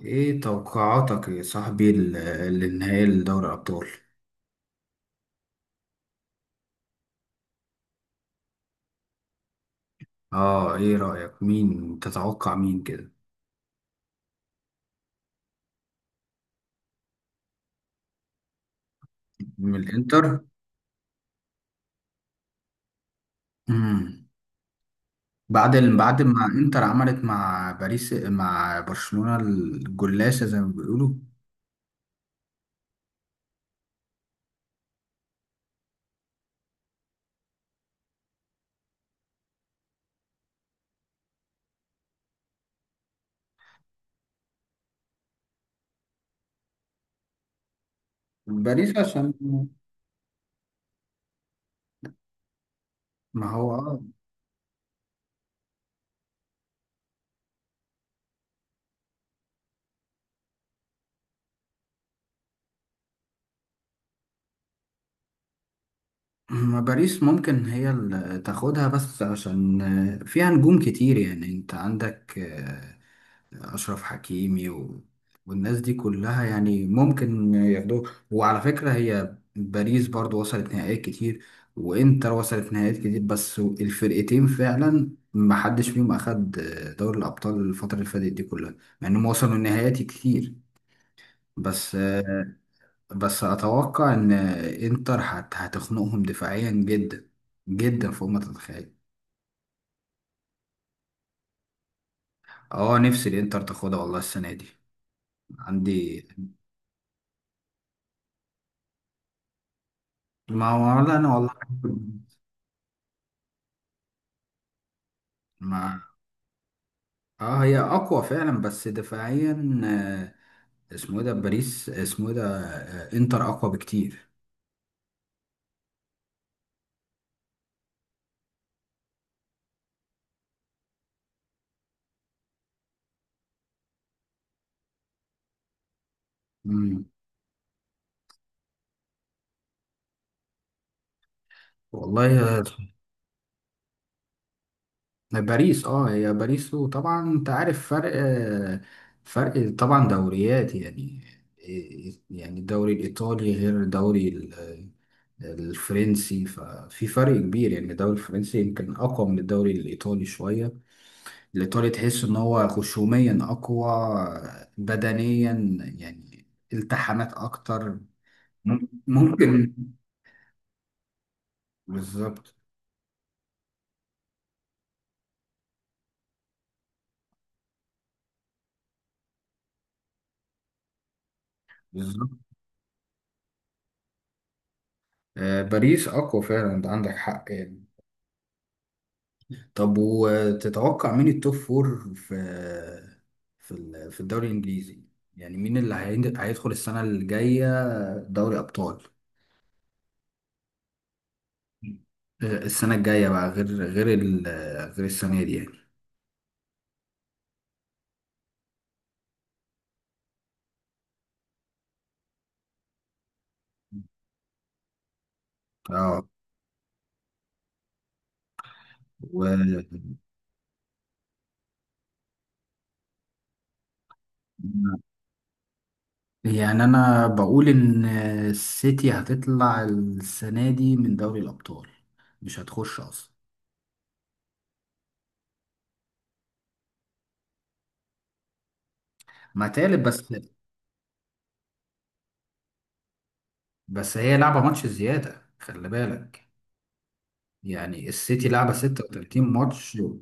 ايه توقعاتك يا صاحبي للنهائي لدوري الابطال؟ اه، ايه رايك؟ مين تتوقع مين كده؟ من الانتر؟ امم بعد ما انتر عملت مع باريس مع برشلونة الجلاسة زي ما بيقولوا. باريس عشان. ما هو اه. ما باريس ممكن هي اللي تاخدها بس عشان فيها نجوم كتير، يعني انت عندك أشرف حكيمي والناس دي كلها، يعني ممكن ياخدوه. وعلى فكرة هي باريس برضو وصلت نهائيات كتير، وإنتر وصلت نهائيات كتير، بس الفرقتين فعلا محدش فيهم أخد دوري الأبطال الفترة اللي فاتت دي كلها، مع إنهم وصلوا نهائيات كتير. بس بس أتوقع إن إنتر هتخنقهم دفاعيا جدا جدا فوق ما تتخيل. اه، نفسي الإنتر تاخدها والله السنة دي. عندي. ما هو لا أنا والله. ما اه هي اقوى فعلا بس دفاعيا. آه، اسمه ايه ده؟ باريس اسمه ايه ده؟ انتر اقوى بكتير. مم. والله باريس، اه هي باريس، وطبعا انت عارف فرق، فرق طبعا دوريات يعني. يعني الدوري الايطالي غير الدوري الفرنسي، ففي فرق كبير، يعني الدوري الفرنسي يمكن اقوى من الدوري الايطالي شوية. الإيطالي تحس إن هو خشوميا أقوى، بدنيا يعني، التحامات أكتر. ممكن. بالظبط بالظبط باريس أقوى فعلا، أنت عندك حق يعني. طب وتتوقع مين التوب فور في في في الدوري الإنجليزي؟ يعني مين اللي هيدخل السنة الجاية دوري أبطال؟ السنة الجاية بقى، غير غير السنة دي يعني. اه. و. يعني انا بقول ان السيتي هتطلع السنه دي من دوري الابطال، مش هتخش اصلا. ما تالت بس. بس هي لعبه ماتش زياده خلي بالك، يعني السيتي لعبه 36 ماتش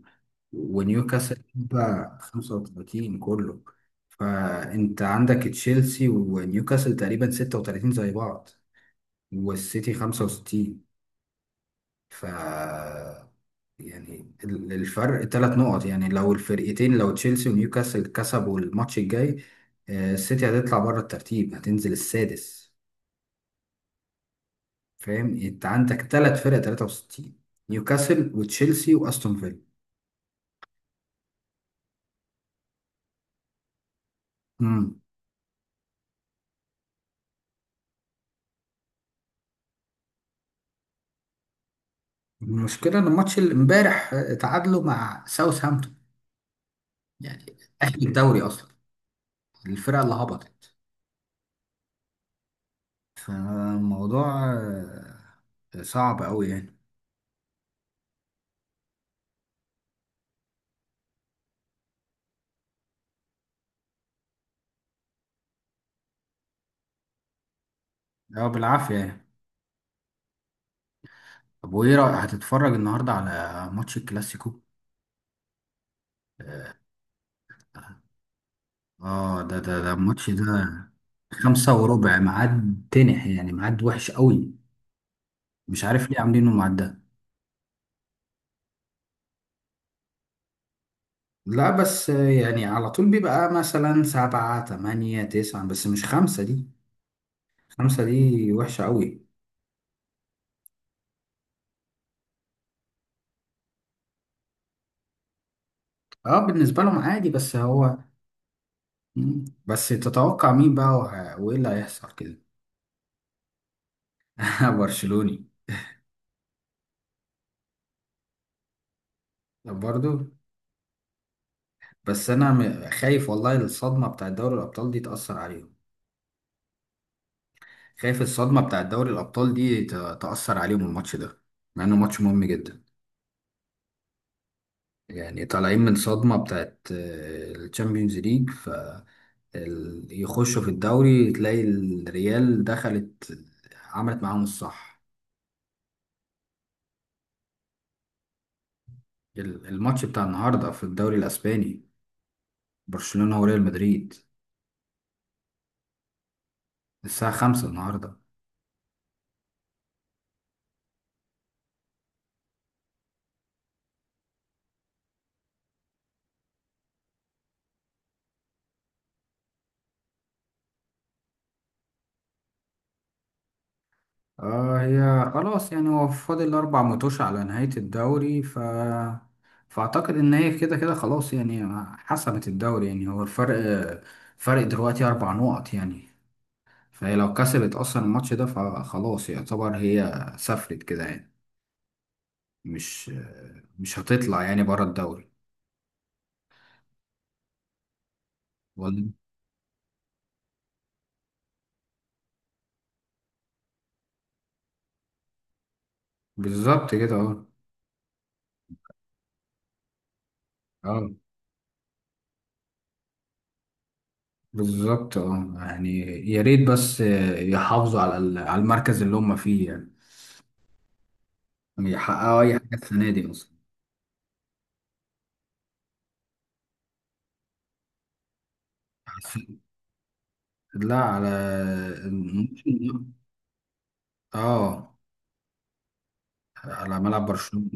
ونيوكاسل لعبه 35 كله. فانت عندك تشيلسي ونيوكاسل تقريبا 36 زي بعض، والسيتي 65. ف. يعني الفرق ثلاث نقط يعني، لو الفرقتين، لو تشيلسي ونيوكاسل كسبوا الماتش الجاي السيتي هتطلع بره الترتيب، هتنزل السادس. فاهم؟ انت عندك ثلاث فرق 63: نيوكاسل وتشيلسي واستون فيلا. امم المشكله ان الماتش اللي امبارح تعادلوا مع ساوثهامبتون، يعني اهل الدوري اصلا، الفرقه اللي هبطت. فالموضوع صعب قوي يعني. اه، بالعافيه يعني. طب وايه رايك؟ هتتفرج النهارده على ماتش الكلاسيكو؟ اه، ده الماتش ده. خمسة وربع ميعاد تنح، يعني ميعاد وحش قوي. مش عارف ليه عاملينه الميعاد ده. لا بس يعني على طول بيبقى مثلا سبعة تمانية تسعة، بس مش خمسة دي، خمسة دي وحشة قوي. اه، بالنسبة لهم عادي بس هو. مم. بس تتوقع مين بقى؟ وايه اللي هيحصل كده؟ برشلوني. برضو. بس انا خايف والله الصدمة بتاع دوري الابطال دي تأثر عليهم. خايف الصدمة بتاعت دوري الأبطال دي تأثر عليهم الماتش ده، مع إنه ماتش مهم جدا. يعني طالعين من صدمة بتاعت الشامبيونز ليج، ف يخشوا في الدوري، تلاقي الريال دخلت عملت معاهم الصح. الماتش بتاع النهاردة في الدوري الأسباني، برشلونة وريال مدريد، الساعة خمسة النهاردة. آه، هي خلاص يعني، هو فاضل أربع متوش على نهاية الدوري، فأعتقد إن هي كده كده خلاص يعني، حسمت الدوري، يعني هو الفرق، فرق دلوقتي أربع نقط يعني. فهي لو كسبت أصلا الماتش ده فخلاص، يعتبر هي سافرت كده يعني. مش مش هتطلع يعني بره الدوري. ولا- بالظبط كده اه. اه، بالظبط اه يعني. يا ريت بس يحافظوا على على المركز اللي هم فيه يعني، يحققوا أي حاجة السنة دي أصلا. لا، على الموسم ده. اه، على ملعب برشلونة.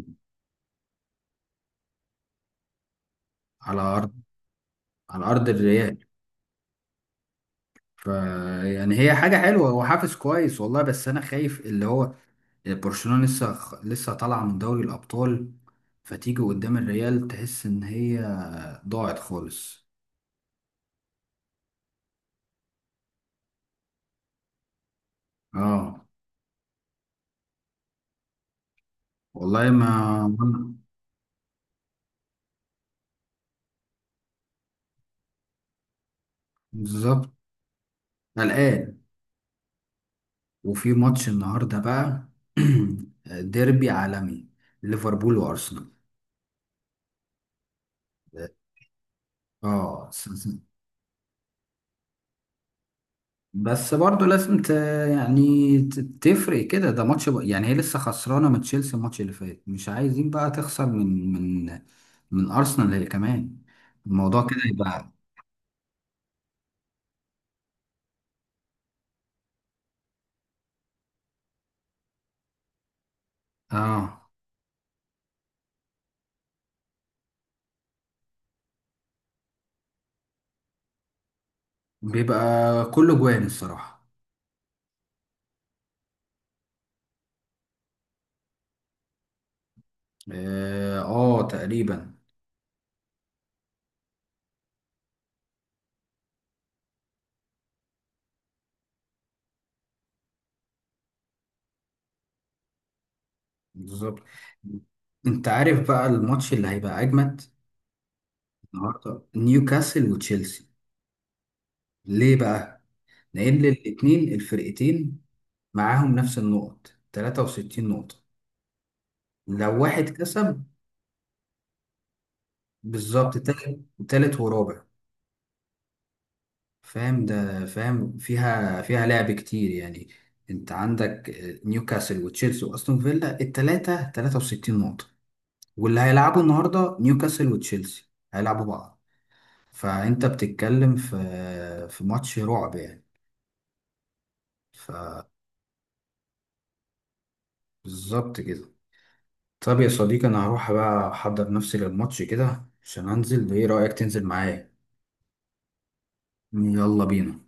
على ارض، على ارض الريال. ف يعني هي حاجة حلوة وحافز كويس والله، بس انا خايف اللي هو برشلونة لسه لسه طالعة من دوري الابطال، فتيجي قدام الريال تحس ان هي ضاعت خالص. اه، والله ما. بالظبط، قلقان. وفي ماتش النهارده بقى ديربي عالمي، ليفربول وارسنال. اه. بس برضه لازم يعني ت- تفرق كده، ده ماتش يعني هي لسه خسرانه من تشيلسي الماتش اللي فات، مش عايزين بقى تخسر من من من ارسنال هي كمان. الموضوع كده يبقى. اه، بيبقى كله جوان الصراحه. اه، آه، تقريبا. بالظبط، انت عارف بقى الماتش اللي هيبقى اجمد النهارده؟ نيوكاسل وتشيلسي. ليه بقى؟ لان الاتنين الفرقتين معاهم نفس النقط 63 نقطه. لو واحد كسب. بالظبط تالت. تالت ورابع. فاهم؟ ده فاهم فيها لعب كتير يعني. انت عندك نيوكاسل وتشيلسي واستون فيلا التلاتة 63 نقطة، واللي هيلعبوا النهارده نيوكاسل وتشيلسي هيلعبوا بعض. فانت بتتكلم في ماتش رعب يعني. فبالظبط كده. طب يا صديقي، انا هروح بقى احضر نفسي للماتش كده عشان انزل، ايه رأيك تنزل معايا؟ يلا بينا.